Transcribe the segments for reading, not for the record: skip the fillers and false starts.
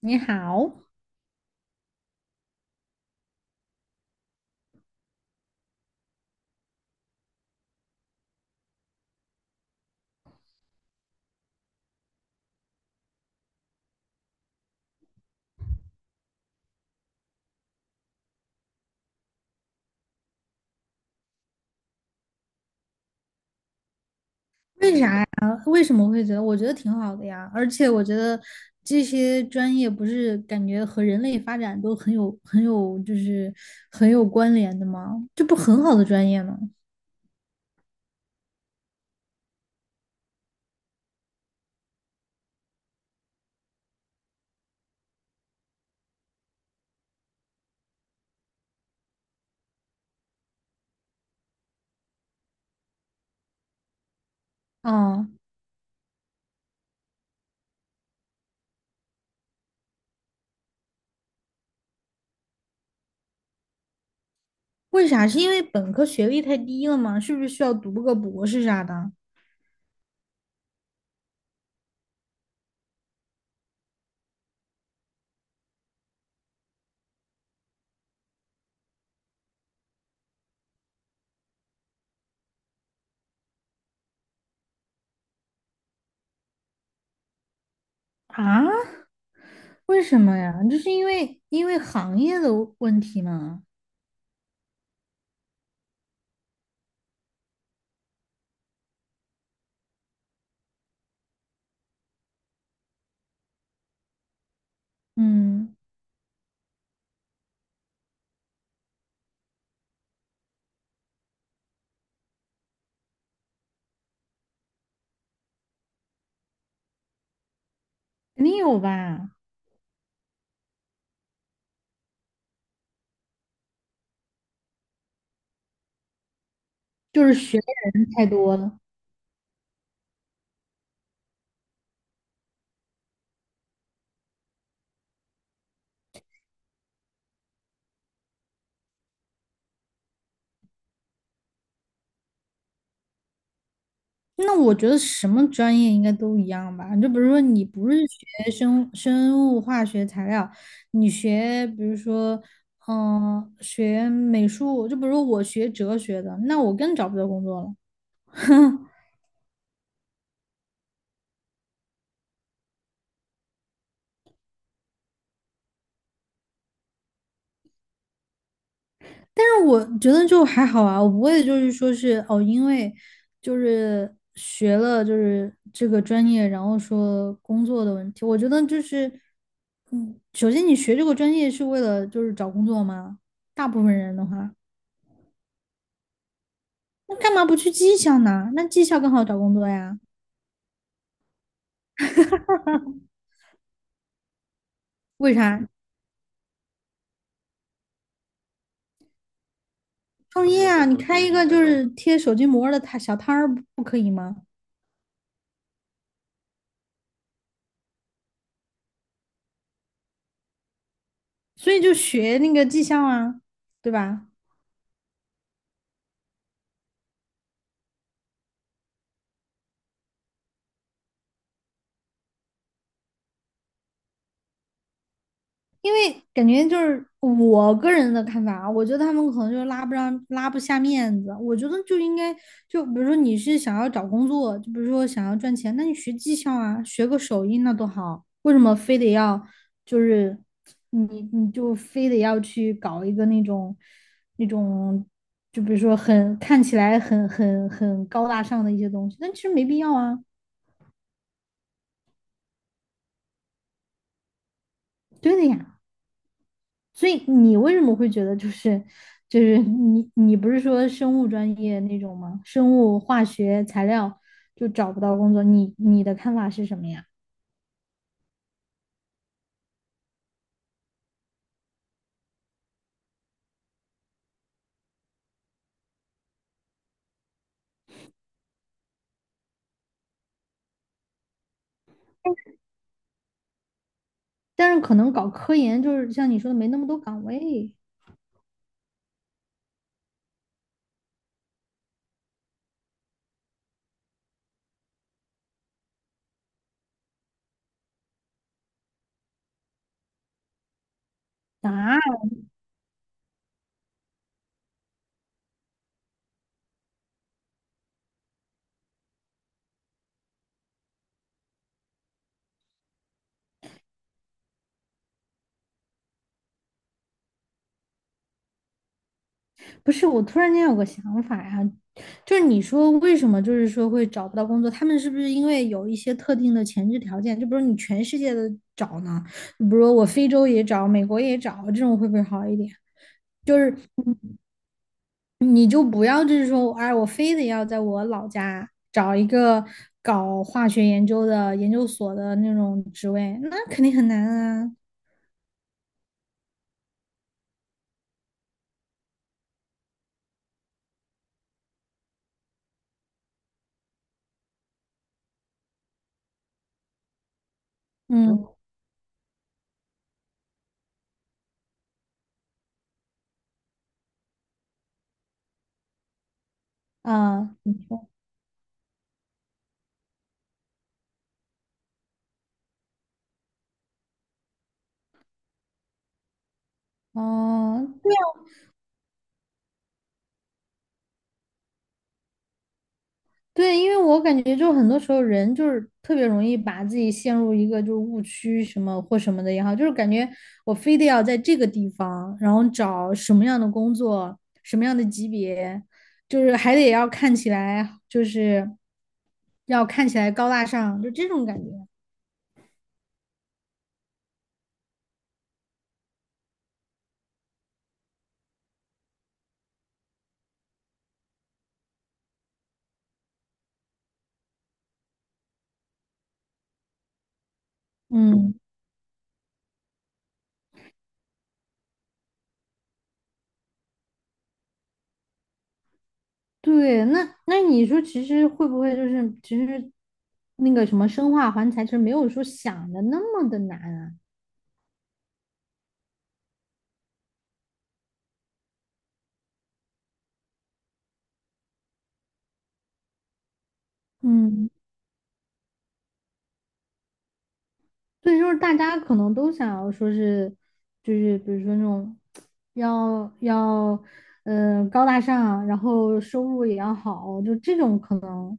你好，为啥呀？为什么会觉得？我觉得挺好的呀，而且我觉得这些专业不是感觉和人类发展都很有、很有，很有关联的吗？这不很好的专业吗？啊，为啥？是因为本科学历太低了吗？是不是需要读个博士啥的？啊，为什么呀？就是因为行业的问题嘛。嗯，肯定有吧？就是学的人太多了。那我觉得什么专业应该都一样吧。就比如说，你不是学生生物化学材料，你学比如说，嗯、学美术，就比如说我学哲学的，那我更找不到工作了。但是我觉得就还好啊，我不会就是说是哦，因为就是学了就是这个专业，然后说工作的问题。我觉得就是，嗯，首先你学这个专业是为了就是找工作吗？大部分人的话。那干嘛不去技校呢？那技校更好找工作呀？为啥？创业啊，你开一个就是贴手机膜儿的摊小摊儿不可以吗？所以就学那个技校啊，对吧？因为感觉就是我个人的看法啊，我觉得他们可能就拉不上、拉不下面子。我觉得就应该，就比如说你是想要找工作，就比如说想要赚钱，那你学技校啊，学个手艺那多好。为什么非得要就是你你就非得要去搞一个那种那种，就比如说很看起来很高大上的一些东西，但其实没必要啊。对的呀。所以你为什么会觉得就是就是你不是说生物专业那种吗？生物化学材料就找不到工作，你的看法是什么呀？但是可能搞科研就是像你说的没那么多岗位啊。不是，我突然间有个想法呀、就是你说为什么就是说会找不到工作？他们是不是因为有一些特定的前置条件？就比如你全世界的找呢？比如我非洲也找，美国也找，这种会不会好一点？就是你就不要就是说，哎，我非得要在我老家找一个搞化学研究的研究所的那种职位，那肯定很难啊。嗯啊，你说哦，对，因为我感觉就很多时候人就是特别容易把自己陷入一个就是误区什么或什么的也好，就是感觉我非得要在这个地方，然后找什么样的工作，什么样的级别，就是还得要看起来就是要看起来高大上，就这种感觉。嗯，对，那你说其实会不会就是其实那个什么生化环材，其实没有说想的那么的难啊？嗯对，就是大家可能都想要说是，就是比如说那种要，嗯，高大上，然后收入也要好，就这种可能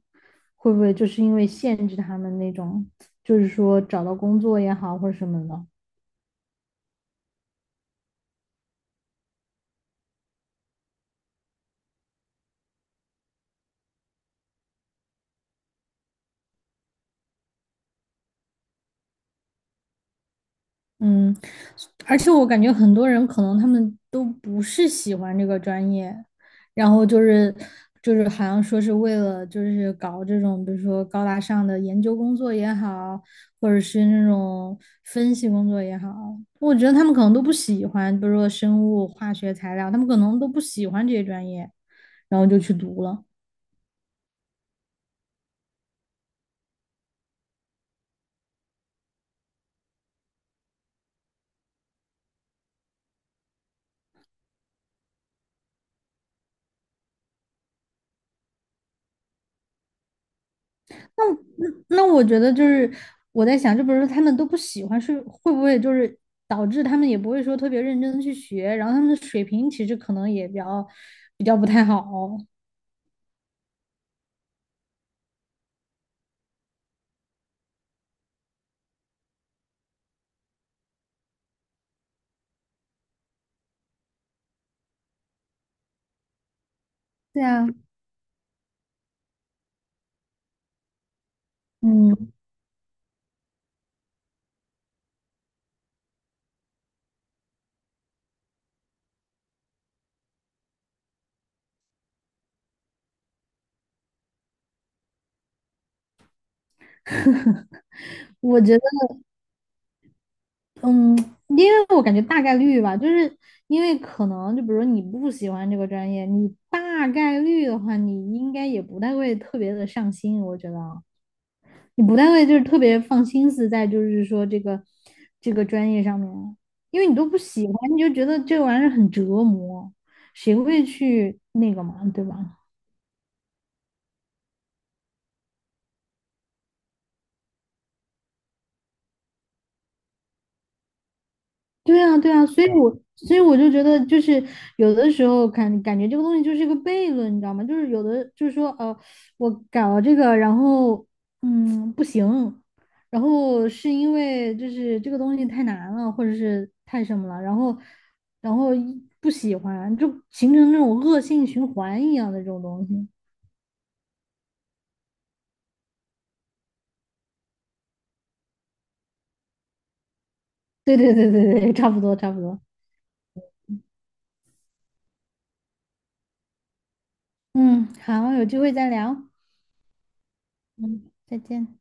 会不会就是因为限制他们那种，就是说找到工作也好或者什么的。嗯，而且我感觉很多人可能他们都不是喜欢这个专业，然后就是就是好像说是为了就是搞这种，比如说高大上的研究工作也好，或者是那种分析工作也好，我觉得他们可能都不喜欢，比如说生物、化学、材料，他们可能都不喜欢这些专业，然后就去读了。那我觉得就是我在想，就比如说他们都不喜欢，是会不会就是导致他们也不会说特别认真的去学，然后他们的水平其实可能也比较比较不太好。对啊，嗯，我觉得，嗯，因为我感觉大概率吧，就是因为可能就比如你不喜欢这个专业，你大概率的话，你应该也不太会特别的上心，我觉得啊。你不太会就是特别放心思在就是说这个这个专业上面，因为你都不喜欢，你就觉得这玩意儿很折磨，谁会去那个嘛，对吧？对啊，对啊，所以我就觉得，就是有的时候感感觉这个东西就是一个悖论，你知道吗？就是有的就是说，我搞了这个，然后嗯不行，然后是因为就是这个东西太难了，或者是太什么了，然后一不喜欢，就形成那种恶性循环一样的这种东西。对对对对对，差不多差不多。嗯，好，有机会再聊。嗯，再见。